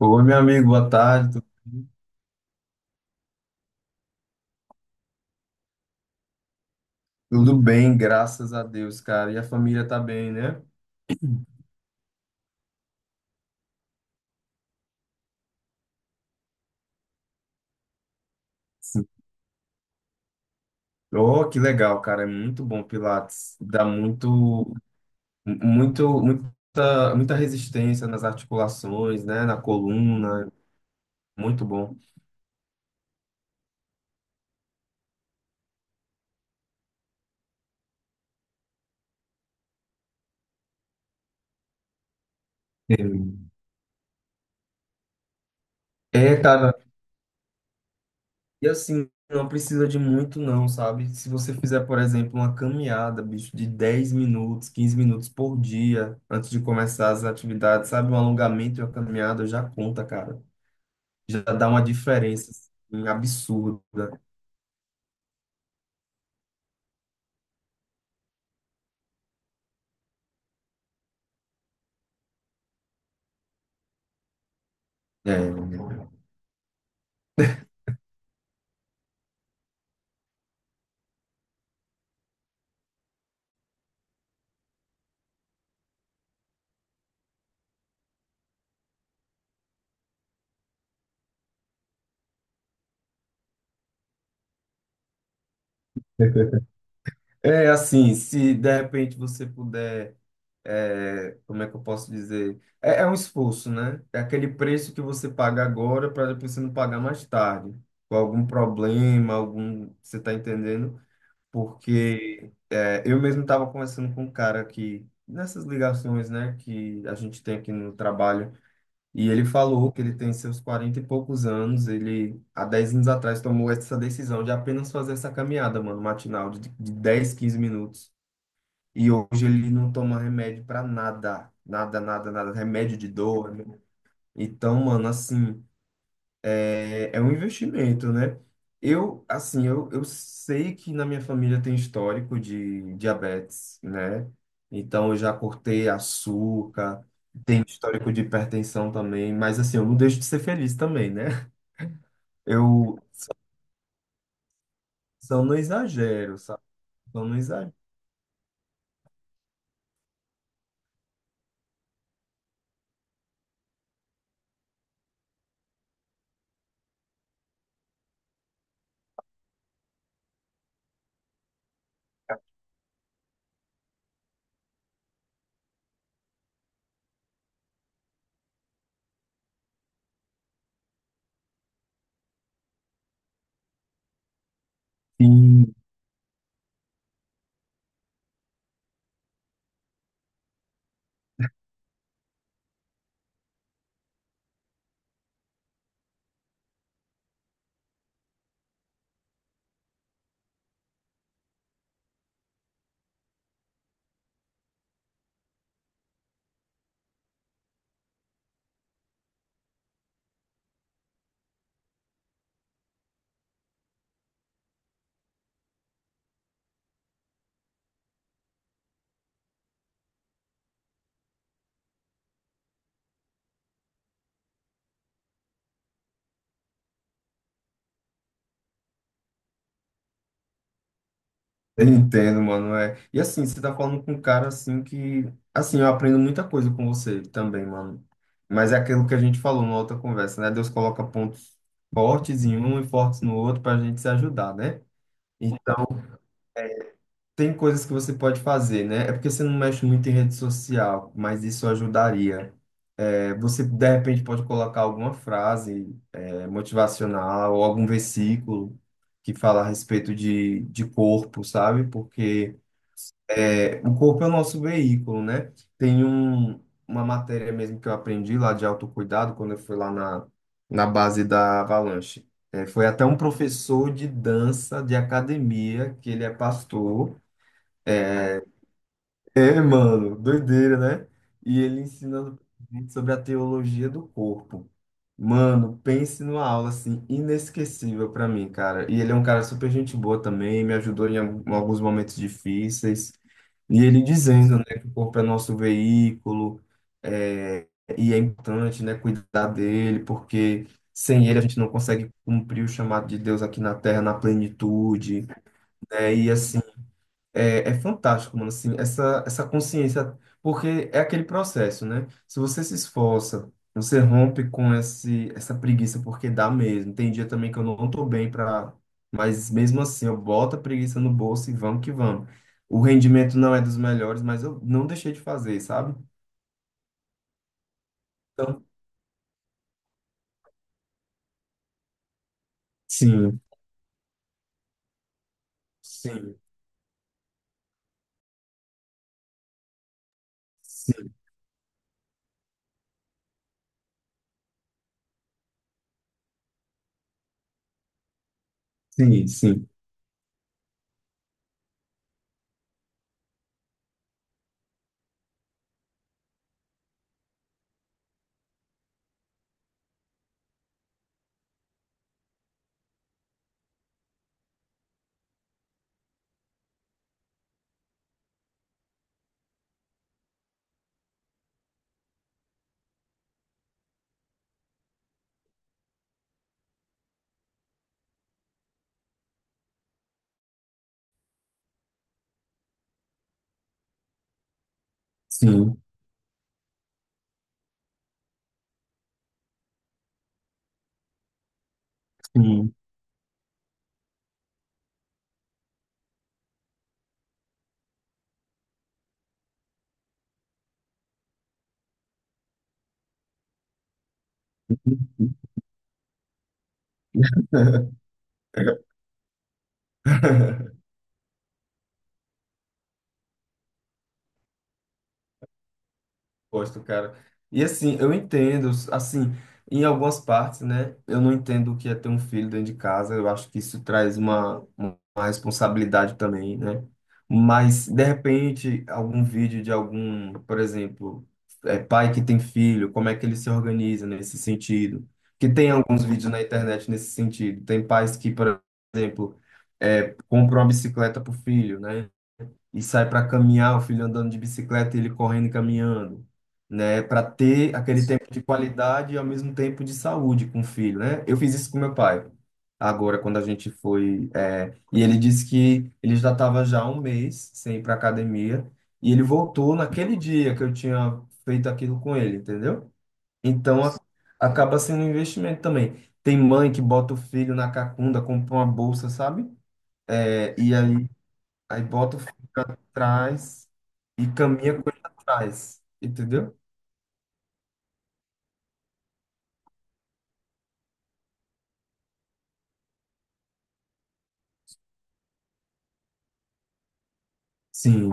Oi, meu amigo, boa tarde. Tudo bem, graças a Deus, cara. E a família tá bem, né? Sim. Oh, que legal, cara. É muito bom Pilates. Dá muito, muito, muita, muita resistência nas articulações, né? Na coluna. Muito bom. Sim. É, cara. E assim, não precisa de muito, não, sabe? Se você fizer, por exemplo, uma caminhada, bicho, de 10 minutos, 15 minutos por dia, antes de começar as atividades, sabe? Um alongamento e uma caminhada já conta, cara. Já dá uma diferença assim, absurda. É, é assim, se de repente você puder, é, como é que eu posso dizer? É um esforço, né? É aquele preço que você paga agora para depois você não pagar mais tarde, com algum problema, algum, você está entendendo? Porque é, eu mesmo estava conversando com um cara que nessas ligações, né, que a gente tem aqui no trabalho. E ele falou que ele tem seus 40 e poucos anos. Ele, há 10 anos atrás, tomou essa decisão de apenas fazer essa caminhada, mano, matinal, de 10, 15 minutos. E hoje ele não toma remédio pra nada. Nada, nada, nada. Remédio de dor. Né? Então, mano, assim. É um investimento, né? Eu, assim, eu sei que na minha família tem histórico de diabetes, né? Então, eu já cortei açúcar, tem histórico de hipertensão também, mas assim, eu não deixo de ser feliz também, né? Eu só não exagero, sabe? Só não exagero. Entendo, mano, é. E assim, você tá falando com um cara assim que, assim, eu aprendo muita coisa com você também, mano. Mas é aquilo que a gente falou na outra conversa, né? Deus coloca pontos fortes em um e fortes no outro pra gente se ajudar, né? Então, tem coisas que você pode fazer, né? É porque você não mexe muito em rede social, mas isso ajudaria. É, você, de repente, pode colocar alguma frase, é, motivacional ou algum versículo que fala a respeito de corpo, sabe? Porque é, o corpo é o nosso veículo, né? Tem uma matéria mesmo que eu aprendi lá de autocuidado quando eu fui lá na, na base da Avalanche. É, foi até um professor de dança de academia, que ele é pastor. É, mano, doideira, né? E ele ensina sobre a teologia do corpo. Mano, pense numa aula assim inesquecível pra mim, cara. E ele é um cara super gente boa também, me ajudou em alguns momentos difíceis. E ele dizendo, né, que o corpo é nosso veículo, é, e é importante, né, cuidar dele, porque sem ele a gente não consegue cumprir o chamado de Deus aqui na Terra na plenitude, né? E assim, é fantástico, mano, assim, essa, consciência, porque é aquele processo, né? Se você se esforça, você rompe com esse, essa preguiça, porque dá mesmo. Tem dia também que eu não tô bem para, mas mesmo assim, eu boto a preguiça no bolso e vamos que vamos. O rendimento não é dos melhores, mas eu não deixei de fazer, sabe? Então, sim, sim, sim, sim, sim, sim, sim. Gosto, cara. E assim, eu entendo, assim, em algumas partes, né? Eu não entendo o que é ter um filho dentro de casa. Eu acho que isso traz uma responsabilidade também, né? Mas, de repente, algum vídeo de algum, por exemplo, é, pai que tem filho, como é que ele se organiza nesse sentido? Que tem alguns vídeos na internet nesse sentido. Tem pais que, por exemplo, é, compram uma bicicleta pro filho, né? E sai para caminhar, o filho andando de bicicleta e ele correndo e caminhando, né? Para ter aquele tempo de qualidade e ao mesmo tempo de saúde com o filho, né? Eu fiz isso com meu pai. Agora, quando a gente foi, é, e ele disse que ele já estava já há um mês sem ir para academia e ele voltou naquele dia que eu tinha feito aquilo com ele, entendeu? Então, acaba sendo um investimento também. Tem mãe que bota o filho na cacunda, compra uma bolsa, sabe? É, e aí. Aí bota o fio pra trás e caminha com ele atrás, entendeu? Sim,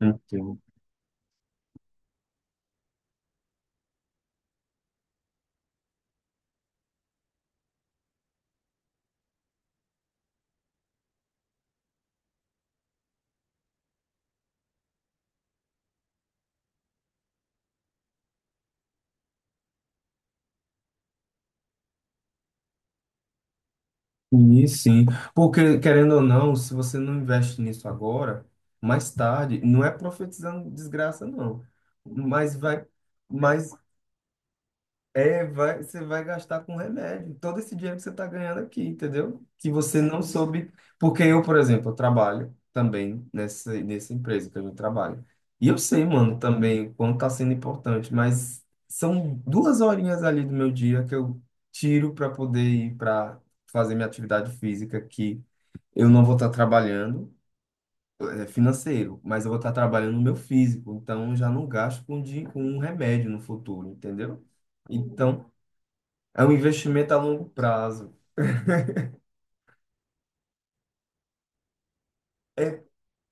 entendo. E sim, porque querendo ou não, se você não investe nisso agora, mais tarde, não é profetizando desgraça, não, mas vai, mas é, vai, você vai gastar com remédio. Todo esse dinheiro que você está ganhando aqui, entendeu? Que você não soube. Porque eu, por exemplo, eu trabalho também nessa, empresa que eu trabalho. E eu sei, mano, também o quanto está sendo importante, mas são duas horinhas ali do meu dia que eu tiro para poder ir para fazer minha atividade física, que eu não vou estar trabalhando, é, financeiro, mas eu vou estar trabalhando no meu físico. Então, eu já não gasto com um remédio no futuro, entendeu? Então. É um investimento a longo prazo. É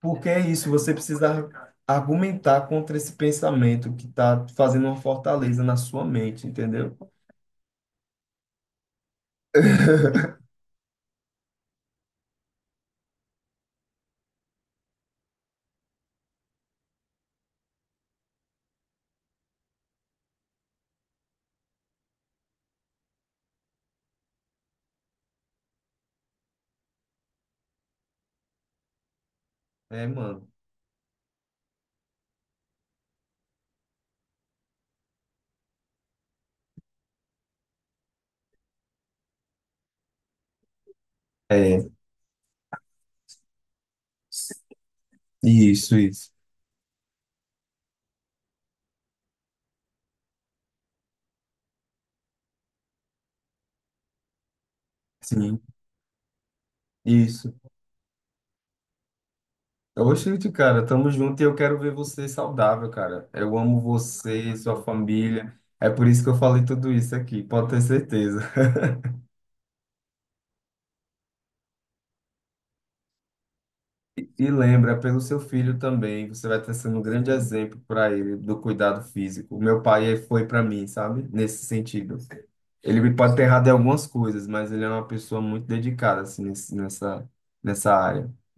porque é isso, você precisa argumentar contra esse pensamento que está fazendo uma fortaleza na sua mente, entendeu? É, mano. É, isso, isso. Sim, isso. Oxente, cara, tamo junto e eu quero ver você saudável, cara. Eu amo você, sua família. É por isso que eu falei tudo isso aqui, pode ter certeza. E lembra, pelo seu filho também, você vai estar sendo um grande exemplo para ele do cuidado físico. O meu pai ele foi para mim, sabe? Nesse sentido. Ele me pode ter errado em algumas coisas, mas ele é uma pessoa muito dedicada assim, nessa área.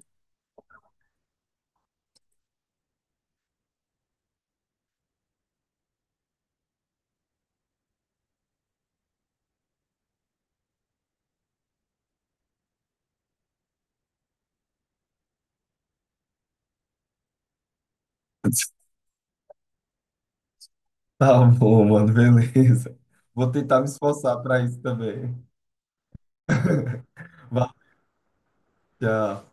Tá bom, mano, beleza. Vou tentar me esforçar para isso também. Vai, tchau.